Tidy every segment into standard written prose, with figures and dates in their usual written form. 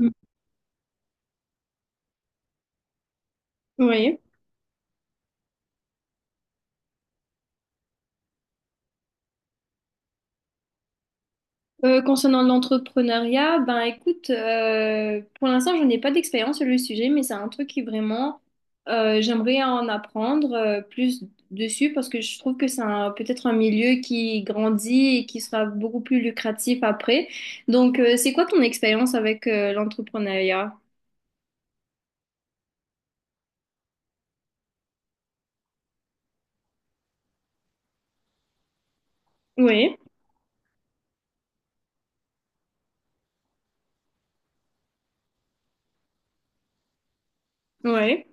Mm. Oui. Concernant l'entrepreneuriat, ben écoute, pour l'instant, je n'ai pas d'expérience sur le sujet, mais c'est un truc qui vraiment, j'aimerais en apprendre plus dessus parce que je trouve que c'est peut-être un milieu qui grandit et qui sera beaucoup plus lucratif après. Donc, c'est quoi ton expérience avec l'entrepreneuriat? Oui, oui.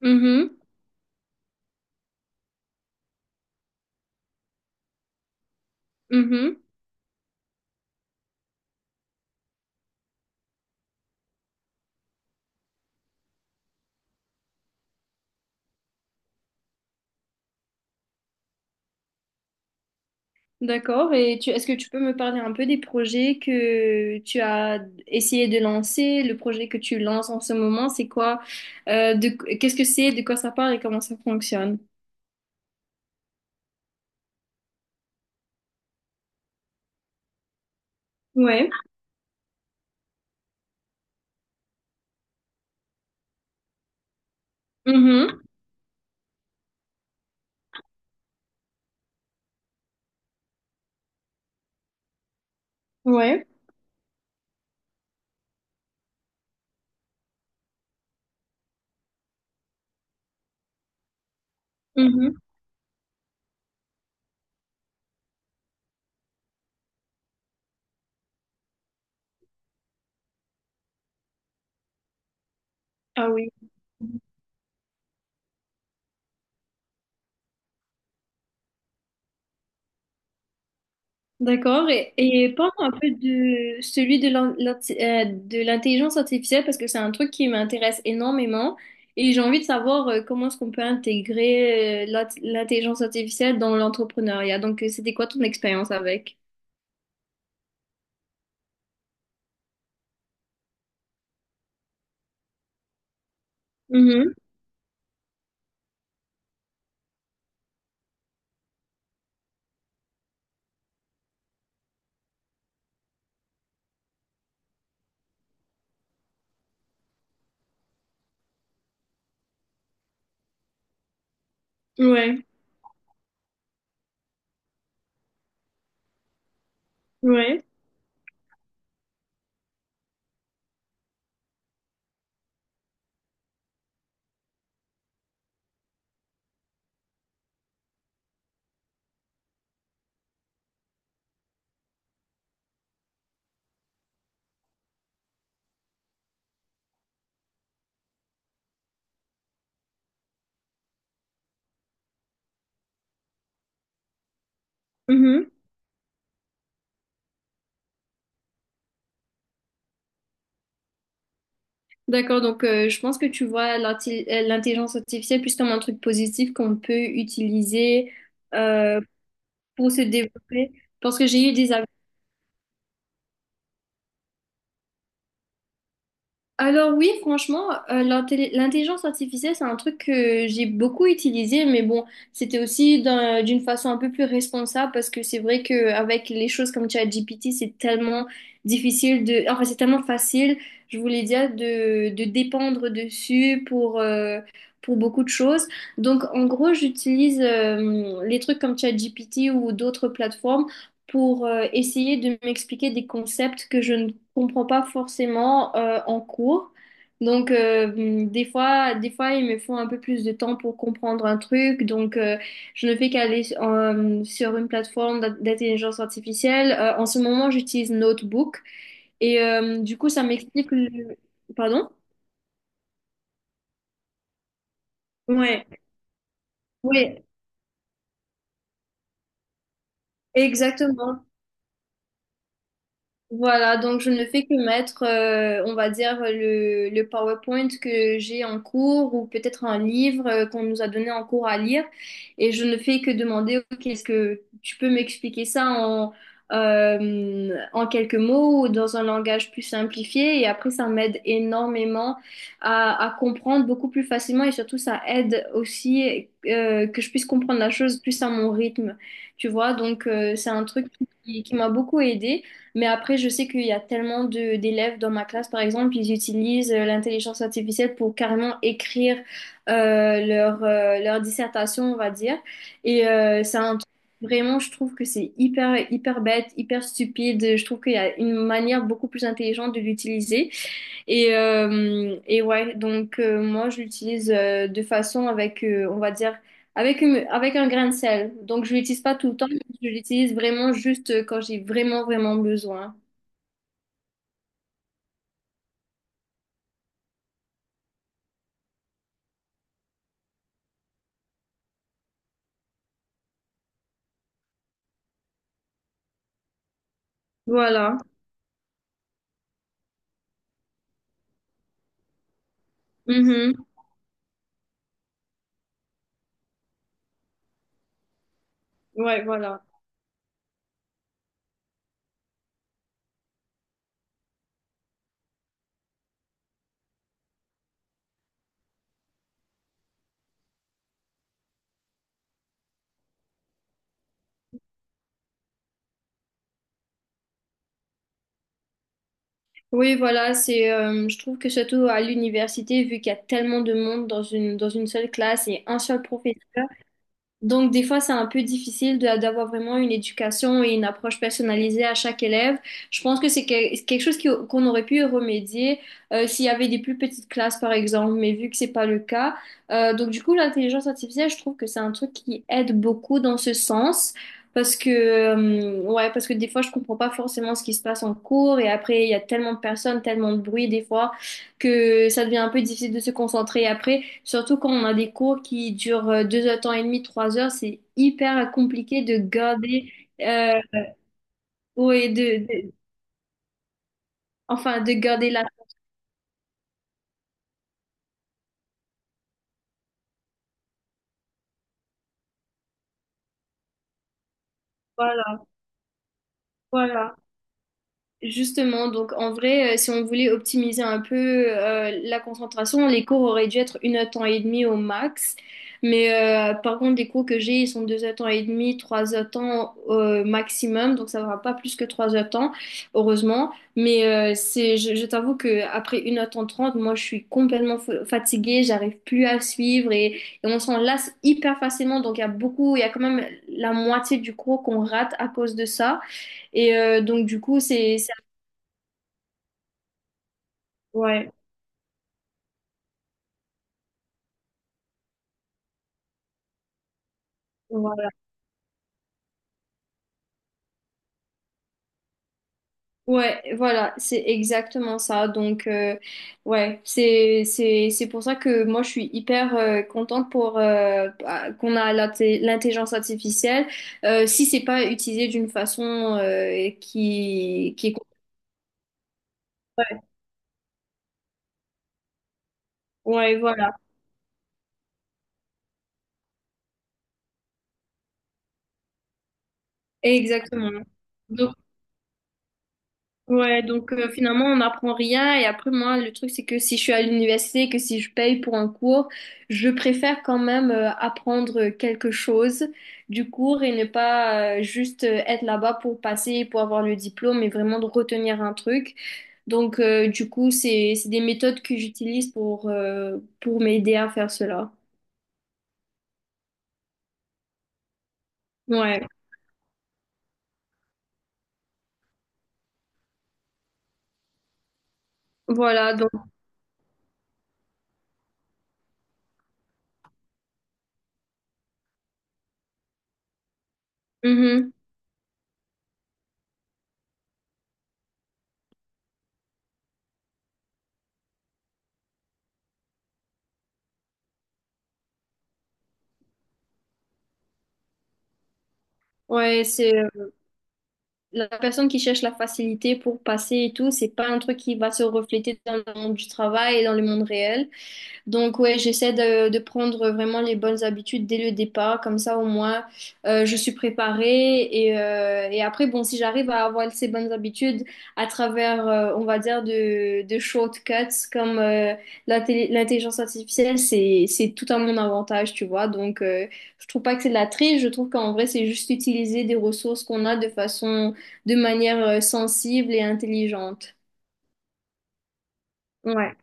Mhm. Mhm. D'accord. Est-ce que tu peux me parler un peu des projets que tu as essayé de lancer, le projet que tu lances en ce moment, c'est quoi, Euh, de, qu'est-ce que c'est, de quoi ça parle et comment ça fonctionne? Ouais. Mhm. Ouais. Mhm. Ah oui. D'accord. Et parle un peu de celui de de l'intelligence artificielle parce que c'est un truc qui m'intéresse énormément et j'ai envie de savoir comment est-ce qu'on peut intégrer l'intelligence artificielle dans l'entrepreneuriat. Donc, c'était quoi ton expérience avec? Mhm. Ouais, ouais. Mhm. D'accord, donc je pense que tu vois l'intelligence artificielle plus comme un truc positif qu'on peut utiliser euh, pour se développer. Parce que j'ai eu des. Alors oui, franchement, l'intelligence artificielle, c'est un truc que j'ai beaucoup utilisé, mais bon, c'était aussi d'une façon un peu plus responsable parce que c'est vrai qu'avec les choses comme ChatGPT, c'est tellement difficile de... Enfin, c'est tellement facile, je voulais dire, de dépendre dessus pour beaucoup de choses. Donc, en gros, j'utilise les trucs comme ChatGPT ou d'autres plateformes pour essayer de m'expliquer des concepts que je ne comprends pas forcément en cours. Donc, des fois, il me faut un peu plus de temps pour comprendre un truc. Donc, je ne fais qu'aller sur une plateforme d'intelligence artificielle. En ce moment, j'utilise Notebook. Et du coup, ça m'explique le... Pardon? Ouais. Oui, exactement. Voilà, donc je ne fais que mettre, on va dire, le PowerPoint que j'ai en cours ou peut-être un livre qu'on nous a donné en cours à lire et je ne fais que demander, OK, est-ce que tu peux m'expliquer ça en, en quelques mots ou dans un langage plus simplifié et après ça m'aide énormément à comprendre beaucoup plus facilement et surtout ça aide aussi que je puisse comprendre la chose plus à mon rythme, tu vois, donc c'est un truc qui m'a beaucoup aidée. Mais après, je sais qu'il y a tellement de d'élèves dans ma classe, par exemple, ils utilisent l'intelligence artificielle pour carrément écrire leur dissertation, on va dire. Et c'est un truc. Vraiment, je trouve que c'est hyper, hyper bête, hyper stupide. Je trouve qu'il y a une manière beaucoup plus intelligente de l'utiliser. Et ouais, donc moi, je l'utilise de façon avec, on va dire, avec avec un grain de sel. Donc, je l'utilise pas tout le temps, je l'utilise vraiment juste quand j'ai vraiment, vraiment besoin. Voilà. Mhm. Ouais, voilà. Oui, voilà, c'est, je trouve que surtout à l'université, vu qu'il y a tellement de monde dans dans une seule classe et un seul professeur, donc, des fois, c'est un peu difficile d'avoir vraiment une éducation et une approche personnalisée à chaque élève. Je pense que c'est quelque chose qu'on aurait pu remédier s'il y avait des plus petites classes, par exemple, mais vu que c'est pas le cas. Donc, du coup, l'intelligence artificielle, je trouve que c'est un truc qui aide beaucoup dans ce sens. Parce que, ouais, parce que des fois, je comprends pas forcément ce qui se passe en cours et après, il y a tellement de personnes, tellement de bruit des fois que ça devient un peu difficile de se concentrer après. Surtout quand on a des cours qui durent deux heures et demie, trois heures, c'est hyper compliqué de garder, euh, ouais, de, de- enfin, de garder la, voilà, voilà. Justement, donc en vrai, si on voulait optimiser un peu la concentration, les cours auraient dû être une heure temps et demie au max. Mais par contre, les cours que j'ai, ils sont deux heures temps et demie, trois heures temps maximum, donc ça ne va pas plus que trois heures temps, heureusement. Mais c'est, je t'avoue que après une heure temps trente, moi, je suis complètement fatiguée, j'arrive plus à suivre et on s'en lasse hyper facilement. Donc il y a beaucoup, il y a quand même la moitié du cours qu'on rate à cause de ça. Et donc du coup, c'est. Ouais, voilà. Ouais, voilà, c'est exactement ça. Donc, ouais, c'est pour ça que moi je suis hyper contente pour bah, qu'on a l'intelligence artificielle. Si c'est pas utilisé d'une façon qui est... Ouais, ouais, voilà, exactement. Donc ouais, donc finalement, on n'apprend rien. Et après, moi, le truc, c'est que si je suis à l'université, que si je paye pour un cours, je préfère quand même apprendre quelque chose du cours et ne pas juste être là-bas pour passer, pour avoir le diplôme, mais vraiment de retenir un truc. Donc, du coup, c'est des méthodes que j'utilise pour m'aider à faire cela. Ouais, voilà, donc, mhm. Ouais, c'est... la personne qui cherche la facilité pour passer et tout, c'est pas un truc qui va se refléter dans le monde du travail et dans le monde réel. Donc ouais, j'essaie de, prendre vraiment les bonnes habitudes dès le départ, comme ça au moins je suis préparée et après bon, si j'arrive à avoir ces bonnes habitudes à travers, on va dire, de shortcuts comme l'intelligence artificielle, c'est tout à mon avantage, tu vois. Donc je trouve pas que c'est de la triche, je trouve qu'en vrai c'est juste utiliser des ressources qu'on a de façon, de manière sensible et intelligente. Ouais,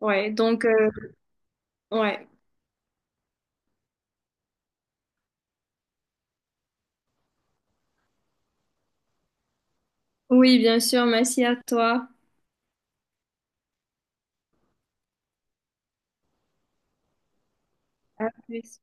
ouais, donc ouais. Oui, bien sûr, merci à toi. À plus.